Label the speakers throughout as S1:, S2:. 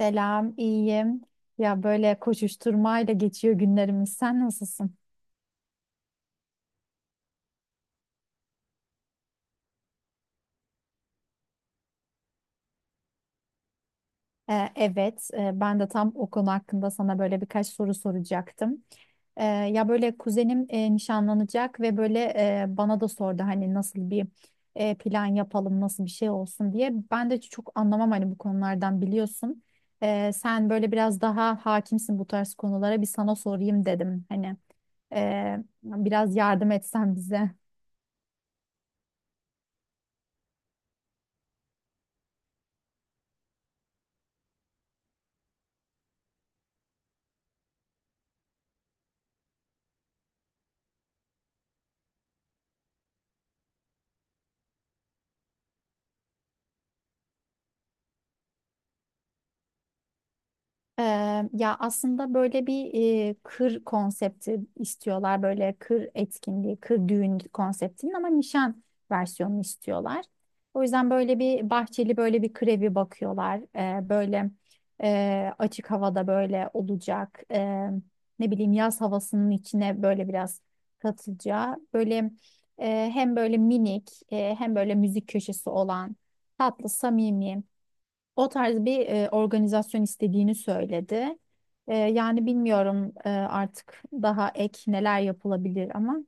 S1: Selam, iyiyim. Ya böyle koşuşturmayla geçiyor günlerimiz. Sen nasılsın? Evet, ben de tam o konu hakkında sana böyle birkaç soru soracaktım. Ya böyle kuzenim nişanlanacak ve böyle bana da sordu hani nasıl bir plan yapalım, nasıl bir şey olsun diye. Ben de çok anlamam hani, bu konulardan biliyorsun. Sen böyle biraz daha hakimsin bu tarz konulara, bir sana sorayım dedim hani. Ee, Biraz yardım etsen bize. Ya aslında böyle bir kır konsepti istiyorlar. Böyle kır etkinliği, kır düğün konseptinin ama nişan versiyonunu istiyorlar. O yüzden böyle bir bahçeli böyle bir kır evi bakıyorlar. Böyle açık havada böyle olacak. Ne bileyim, yaz havasının içine böyle biraz katılacağı. Böyle hem böyle minik hem böyle müzik köşesi olan, tatlı, samimi. O tarz bir organizasyon istediğini söyledi. Yani bilmiyorum, artık daha ek neler yapılabilir ama.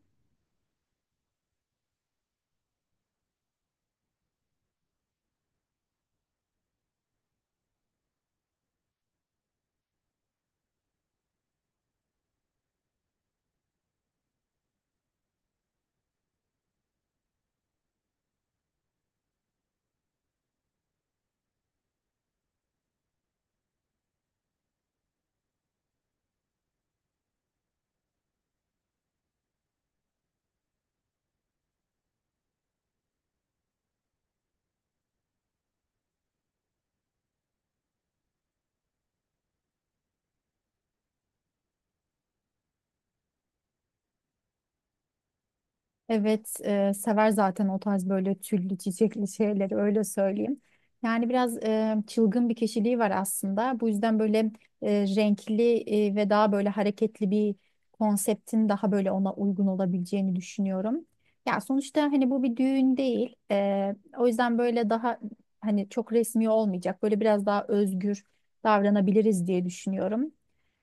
S1: Evet, sever zaten o tarz böyle tüllü çiçekli şeyleri, öyle söyleyeyim. Yani biraz çılgın bir kişiliği var aslında. Bu yüzden böyle renkli ve daha böyle hareketli bir konseptin daha böyle ona uygun olabileceğini düşünüyorum. Ya sonuçta hani bu bir düğün değil. O yüzden böyle daha hani çok resmi olmayacak. Böyle biraz daha özgür davranabiliriz diye düşünüyorum.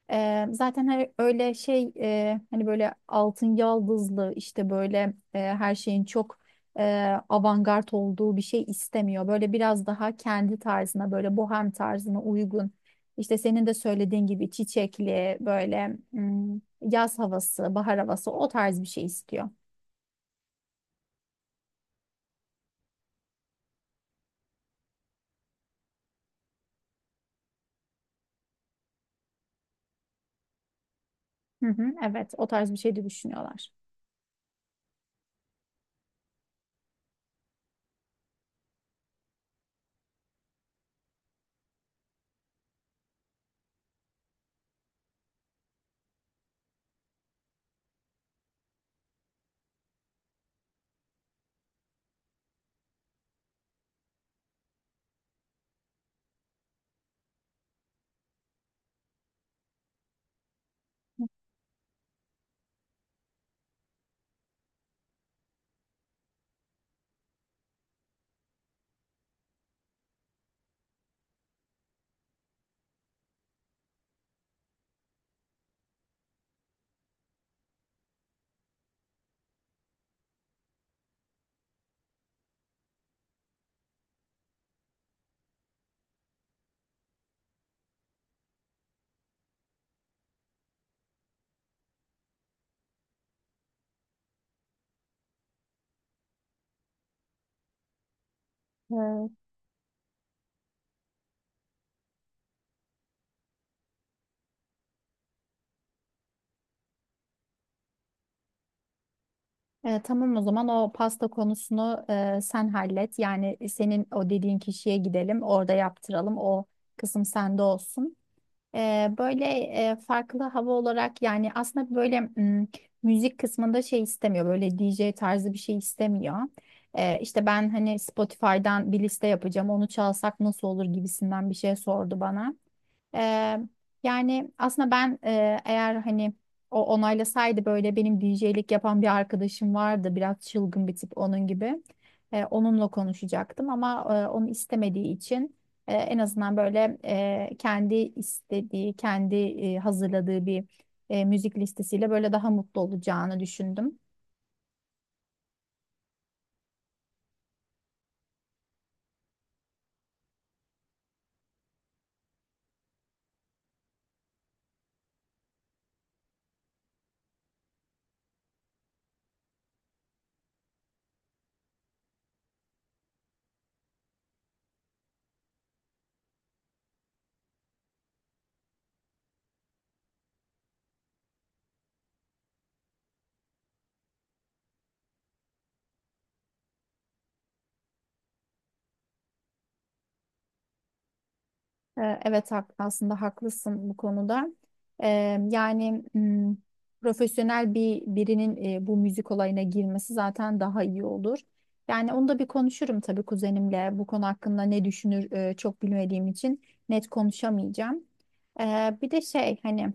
S1: Zaten hani öyle şey, hani böyle altın yaldızlı işte, böyle her şeyin çok avantgard olduğu bir şey istemiyor. Böyle biraz daha kendi tarzına, böyle bohem tarzına uygun. İşte senin de söylediğin gibi çiçekli böyle, yaz havası, bahar havası, o tarz bir şey istiyor. Hı hı, evet, o tarz bir şey de düşünüyorlar. Tamam, o zaman o pasta konusunu sen hallet. Yani senin o dediğin kişiye gidelim, orada yaptıralım. O kısım sende olsun. Böyle farklı hava olarak, yani aslında böyle müzik kısmında şey istemiyor, böyle D J tarzı bir şey istemiyor. İşte ben hani Spotify'dan bir liste yapacağım. Onu çalsak nasıl olur gibisinden bir şey sordu bana. Eee, Yani aslında ben, eğer hani o onaylasaydı, böyle benim DJ'lik yapan bir arkadaşım vardı. Biraz çılgın bir tip, onun gibi. Onunla konuşacaktım ama onu istemediği için en azından böyle kendi istediği, kendi hazırladığı bir müzik listesiyle böyle daha mutlu olacağını düşündüm. Evet, aslında haklısın bu konuda. Ee, Yani profesyonel bir birinin bu müzik olayına girmesi zaten daha iyi olur. Yani onu da bir konuşurum tabii kuzenimle. Bu konu hakkında ne düşünür, çok bilmediğim için net konuşamayacağım. Bir de şey, hani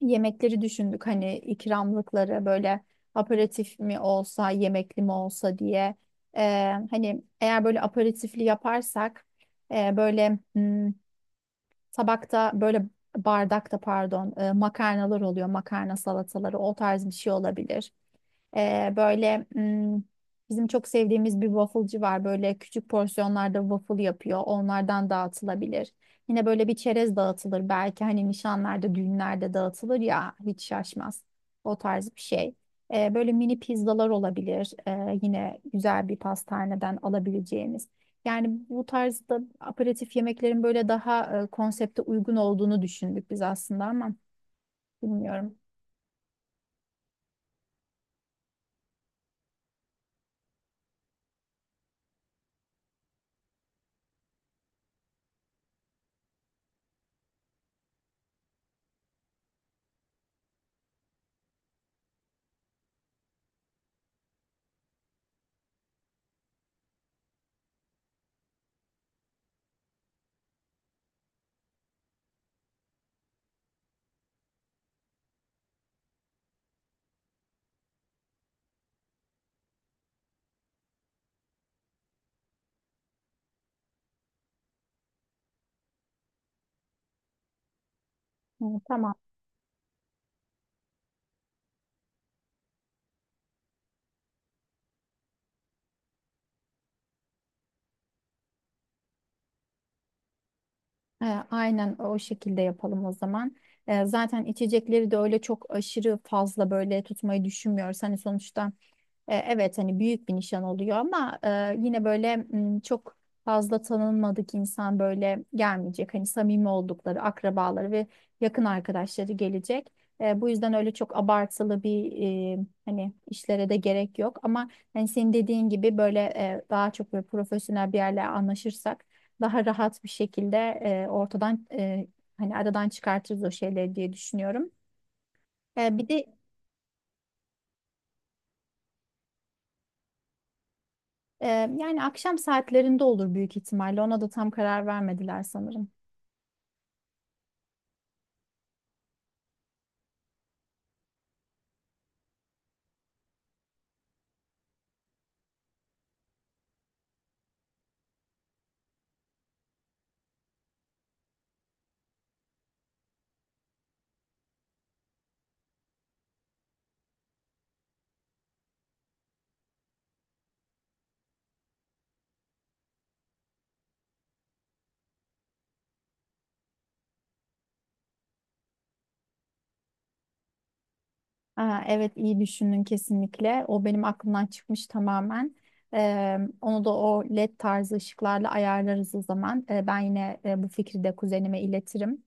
S1: yemekleri düşündük, hani ikramlıkları böyle aperatif mi olsa, yemekli mi olsa diye. Hani eğer böyle aperatifli yaparsak, böyle... tabakta böyle, bardakta pardon, makarnalar oluyor. Makarna salataları, o tarz bir şey olabilir. Böyle bizim çok sevdiğimiz bir wafflecı var. Böyle küçük porsiyonlarda waffle yapıyor. Onlardan dağıtılabilir. Yine böyle bir çerez dağıtılır. Belki hani nişanlarda, düğünlerde dağıtılır ya, hiç şaşmaz. O tarz bir şey. Böyle mini pizzalar olabilir. Yine güzel bir pastaneden alabileceğimiz. Yani bu tarzda aperatif yemeklerin böyle daha konsepte uygun olduğunu düşündük biz aslında, ama bilmiyorum. Hı, tamam. E, aynen o şekilde yapalım o zaman. Zaten içecekleri de öyle çok aşırı fazla böyle tutmayı düşünmüyoruz. Hani sonuçta, evet hani büyük bir nişan oluyor ama yine böyle çok fazla tanınmadık insan böyle gelmeyecek. Hani samimi oldukları akrabaları ve yakın arkadaşları gelecek. Bu yüzden öyle çok abartılı bir hani işlere de gerek yok. Ama hani senin dediğin gibi böyle daha çok böyle profesyonel bir yerle anlaşırsak, daha rahat bir şekilde ortadan, hani aradan çıkartırız o şeyleri diye düşünüyorum. Bir de, Ee, yani akşam saatlerinde olur büyük ihtimalle. Ona da tam karar vermediler sanırım. Aa, evet, iyi düşündün kesinlikle. O benim aklımdan çıkmış tamamen. Onu da o LED tarzı ışıklarla ayarlarız o zaman. Ben yine bu fikri de kuzenime iletirim.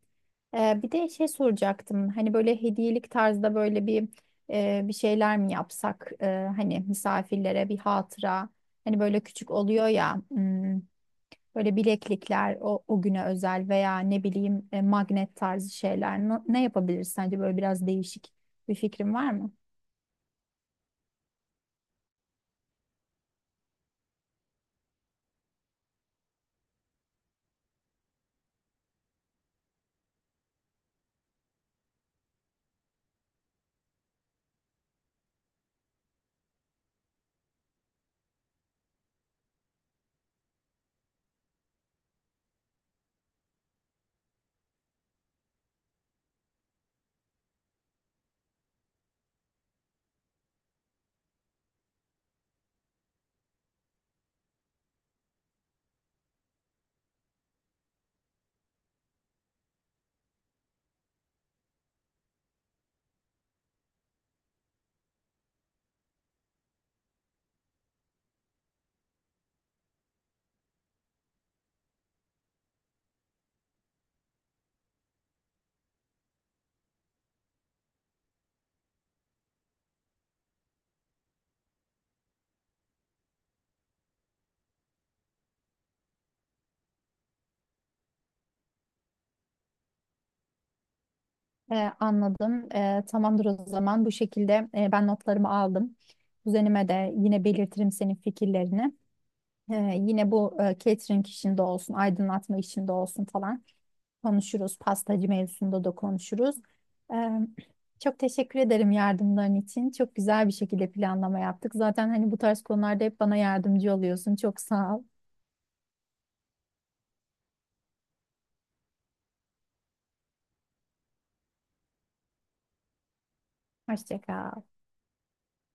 S1: Bir de şey soracaktım. Hani böyle hediyelik tarzda böyle bir şeyler mi yapsak? Hani misafirlere bir hatıra. Hani böyle küçük oluyor ya. Böyle bileklikler, o güne özel, veya ne bileyim, magnet tarzı şeyler. Ne yapabiliriz sence, böyle biraz değişik bir fikrin var mı? Anladım. Tamamdır o zaman. Bu şekilde ben notlarımı aldım. Kuzenime de yine belirtirim senin fikirlerini. Yine bu catering işinde olsun, aydınlatma işinde olsun falan konuşuruz. Pastacı mevzusunda da konuşuruz. Ee, Çok teşekkür ederim yardımların için. Çok güzel bir şekilde planlama yaptık. Zaten hani bu tarz konularda hep bana yardımcı oluyorsun. Çok sağ ol. Hoşça kal.